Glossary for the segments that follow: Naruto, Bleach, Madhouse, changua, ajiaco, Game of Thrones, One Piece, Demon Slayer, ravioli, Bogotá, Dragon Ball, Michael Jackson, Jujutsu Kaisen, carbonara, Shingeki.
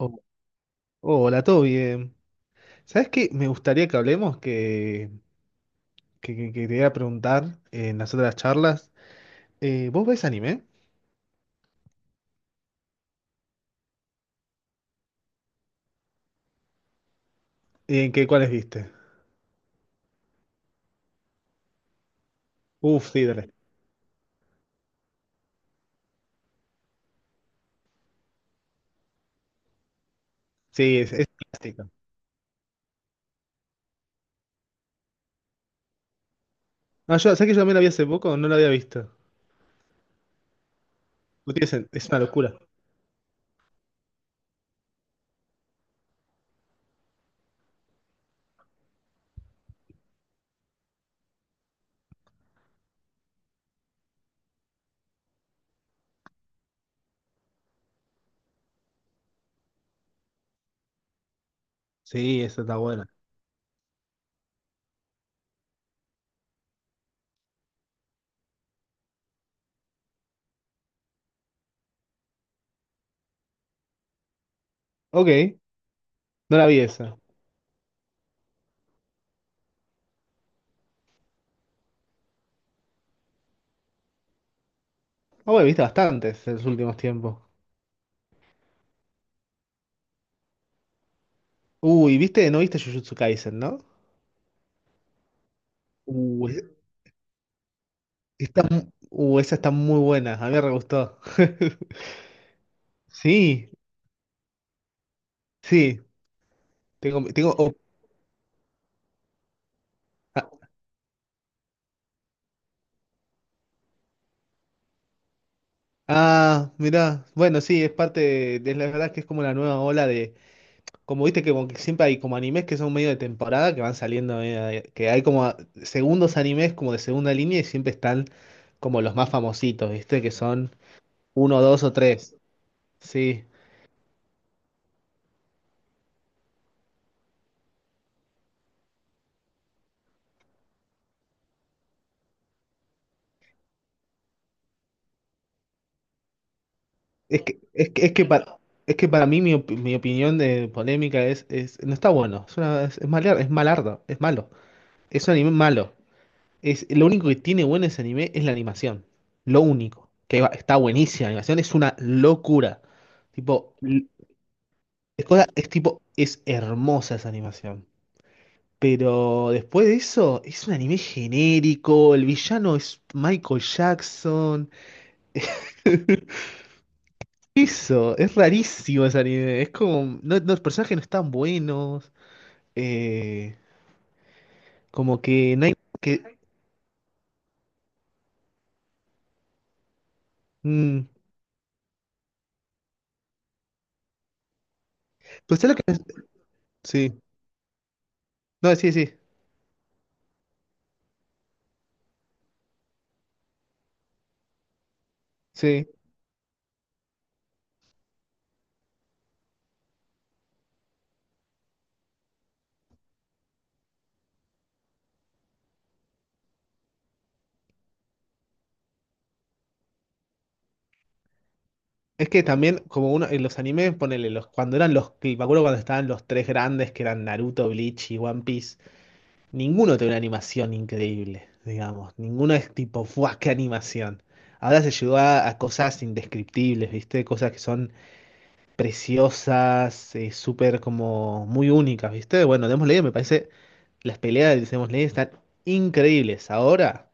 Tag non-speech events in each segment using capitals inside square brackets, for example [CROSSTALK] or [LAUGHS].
Oh, hola, todo bien. ¿Sabes qué? Me gustaría que hablemos, que te iba a preguntar en las otras charlas. ¿Vos ves anime? ¿En qué cuáles viste? Uf, sí, dale. Sí, es clásica. No, yo, ¿sabes que yo también la vi hace poco? No la había visto. No tiene sen- es una locura. Sí, esa está buena. Ok, no la vi esa. Ah, bueno, viste bastantes en los últimos tiempos. Uy, ¿viste? No viste Jujutsu Kaisen, ¿no? Uh, es- está, esa está muy buena. A mí me re gustó. [LAUGHS] Sí, sí. Tengo, tengo, oh, ah, ah, mirá, bueno, sí, es parte de la verdad que es como la nueva ola de, como viste que, como que siempre hay como animes que son medio de temporada, que van saliendo, medio de- que hay como segundos animes como de segunda línea y siempre están como los más famositos, viste, que son uno, dos o tres, sí. Es que, es que, es que para, es que para mí mi opinión de polémica no está bueno, es, una- es malar- es malardo, es malo, es un anime malo. Es, lo único que tiene bueno ese anime es la animación. Lo único. Que va- está buenísima la animación, es una locura. Tipo, l- es, cosa- es tipo, es hermosa esa animación. Pero después de eso, es un anime genérico. El villano es Michael Jackson. [LAUGHS] Eso, es rarísimo ese anime. Es como. No, no, los personajes no están buenos. eh, Como que no hay. Que, mm, pues es lo que. Sí. No, sí, sí. Sí. Es que también, como uno, en los animes, ponele, los, cuando eran los, que- me acuerdo cuando estaban los tres grandes, que eran Naruto, Bleach y One Piece, ninguno tiene una animación increíble, digamos. Ninguno es tipo, ¡fuah, qué animación! Ahora se llegó a cosas indescriptibles, ¿viste? Cosas que son preciosas, súper como muy únicas, ¿viste? Bueno, Demon Slayer me parece, las peleas de Demon Slayer están increíbles. Ahora,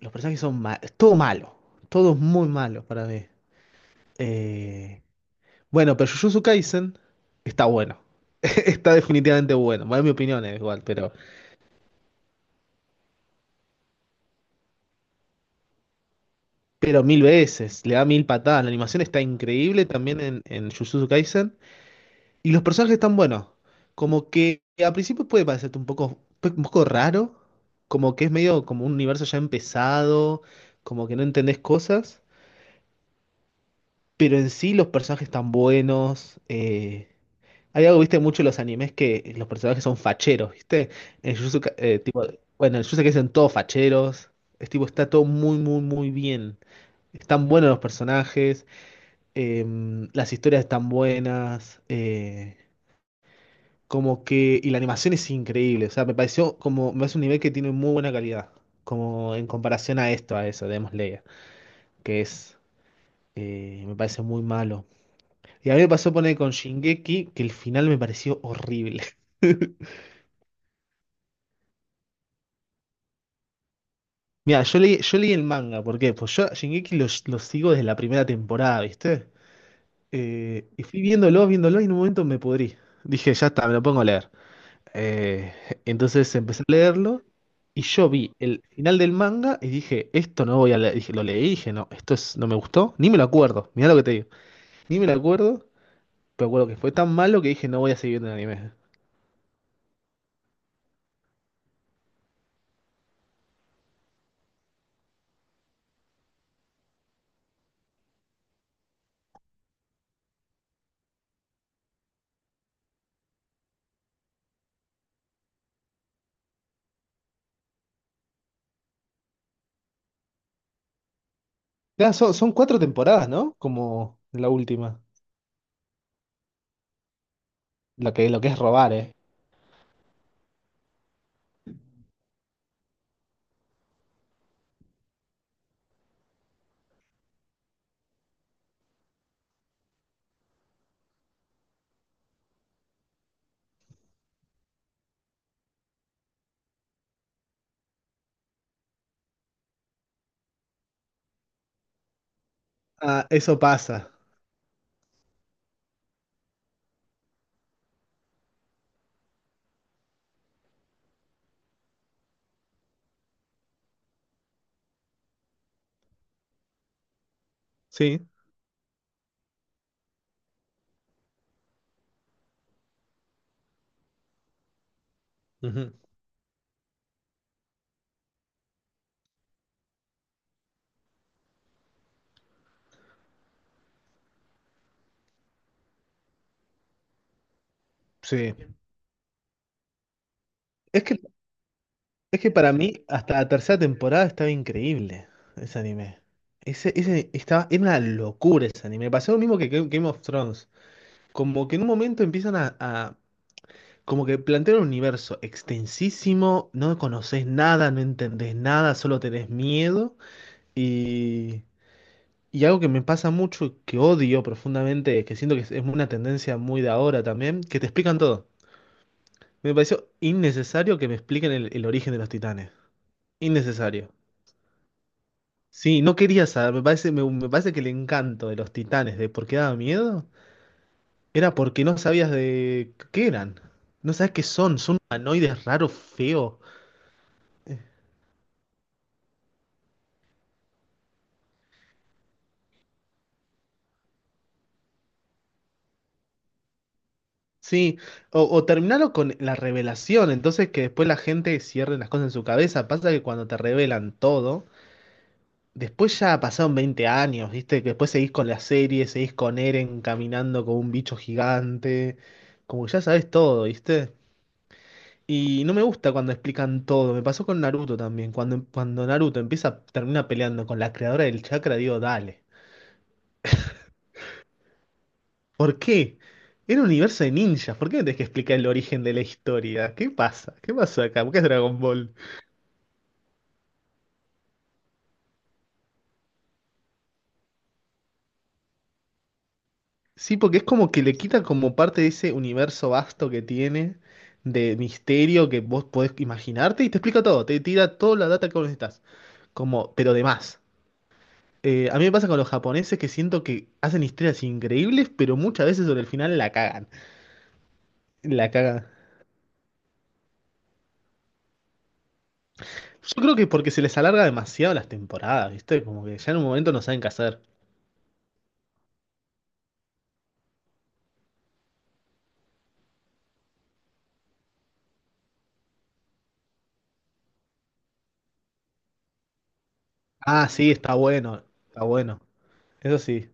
los personajes son malos, todo malo, todo muy malo para mí. Eh, Bueno, pero Jujutsu Kaisen está bueno. [LAUGHS] Está definitivamente bueno. Bueno, en mi opinión es igual, pero mil veces. Le da mil patadas. La animación está increíble también en Jujutsu Kaisen. Y los personajes están buenos. Como que a principio puede parecerte un poco, pues, un poco raro. Como que es medio como un universo ya empezado. Como que no entendés cosas. Pero en sí los personajes están buenos. Hay algo, viste, mucho en los animes que los personajes son facheros, ¿viste? Tipo, bueno, en Jujutsu Kaisen todos facheros. Es tipo, está todo muy bien. Están buenos los personajes, las historias están buenas, como que... Y la animación es increíble, o sea, me pareció como... Me parece un nivel que tiene muy buena calidad, como en comparación a eso, de Demon Slayer, que es... me parece muy malo. Y a mí me pasó poner con Shingeki que el final me pareció horrible. [LAUGHS] Mira, yo leí el manga, ¿por qué? Pues yo a Shingeki lo sigo desde la primera temporada, ¿viste? Y fui viéndolo, y en un momento me pudrí. Dije, ya está, me lo pongo a leer. Eh, entonces empecé a leerlo, y yo vi el final del manga, y dije, esto no voy a leer. Dije, lo leí, y dije, no, esto es, no me gustó, ni me lo acuerdo, mirá lo que te digo. Ni me lo acuerdo, pero acuerdo que fue tan malo que dije, no voy a seguir viendo el anime. Ya, son 4 temporadas, ¿no? Como la última, lo que es robar, ¿eh? Ah, eso pasa, sí. Ujú, sí. Es que, es que para mí, hasta la tercera temporada estaba increíble ese anime. Ese estaba, era una locura ese anime. Pasó lo mismo que Game of Thrones. Como que en un momento empiezan a- como que plantean un universo extensísimo, no conoces nada, no entendés nada, solo tenés miedo. Y, y algo que me pasa mucho, que odio profundamente, que siento que es una tendencia muy de ahora también, que te explican todo. Me pareció innecesario que me expliquen el origen de los titanes. Innecesario. Sí, no quería saber, me parece que el encanto de los titanes de por qué daba miedo era porque no sabías de qué eran. No sabes qué son, son humanoides raros, feos. Sí, o terminarlo con la revelación, entonces que después la gente cierre las cosas en su cabeza. Pasa que cuando te revelan todo, después ya pasaron 20 años, ¿viste? Que después seguís con la serie, seguís con Eren caminando con un bicho gigante, como que ya sabes todo, ¿viste? Y no me gusta cuando explican todo. Me pasó con Naruto también. Cuando Naruto empieza, termina peleando con la creadora del chakra, digo, dale. ¿Por qué? Era un universo de ninjas. ¿Por qué me tenés que explicar el origen de la historia? ¿Qué pasa? ¿Qué pasó acá? ¿Por qué es Dragon Ball? Sí, porque es como que le quita como parte de ese universo vasto que tiene, de misterio que vos podés imaginarte y te explica todo. Te tira toda la data que vos necesitas. Como, pero de más. A mí me pasa con los japoneses que siento que hacen historias increíbles, pero muchas veces sobre el final la cagan. La cagan. Yo creo que porque se les alarga demasiado las temporadas, ¿viste? Como que ya en un momento no saben qué hacer. Ah, sí, está bueno, está bueno. Eso sí,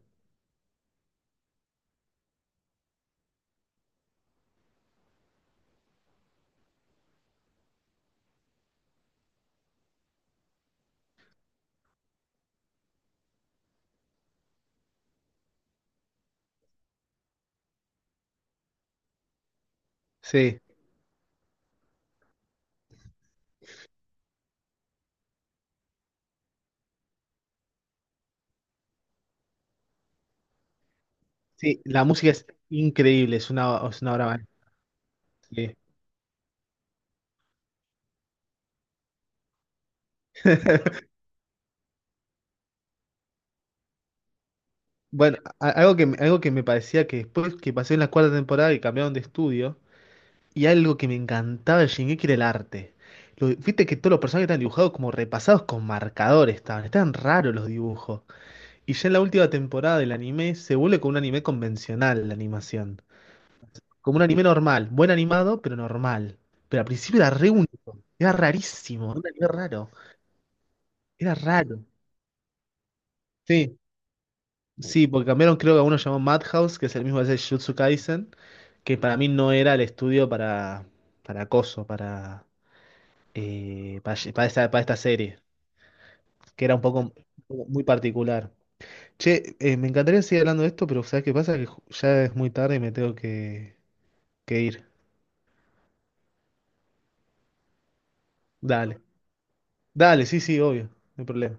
sí. Sí, la música es increíble, es una obra maestra. Sí. Bueno, algo que me parecía que después que pasé en la cuarta temporada y cambiaron de estudio, y algo que me encantaba de Shingeki era el arte. Lo- viste que todos los personajes estaban dibujados como repasados con marcadores, estaban raros los dibujos. Y ya en la última temporada del anime se vuelve como un anime convencional la animación. Como un anime normal, buen animado, pero normal. Pero al principio era re único, era rarísimo, era un anime raro, era raro. Sí, sí, porque cambiaron creo que a uno llamó Madhouse, que es el mismo que hace Jujutsu Kaisen, que para mí no era el estudio para acoso, para... para esta serie, que era un poco muy particular. Che, me encantaría seguir hablando de esto, pero ¿sabes qué pasa? Que ju- ya es muy tarde y me tengo que ir. Dale. Dale, sí, sí, obvio, no hay problema.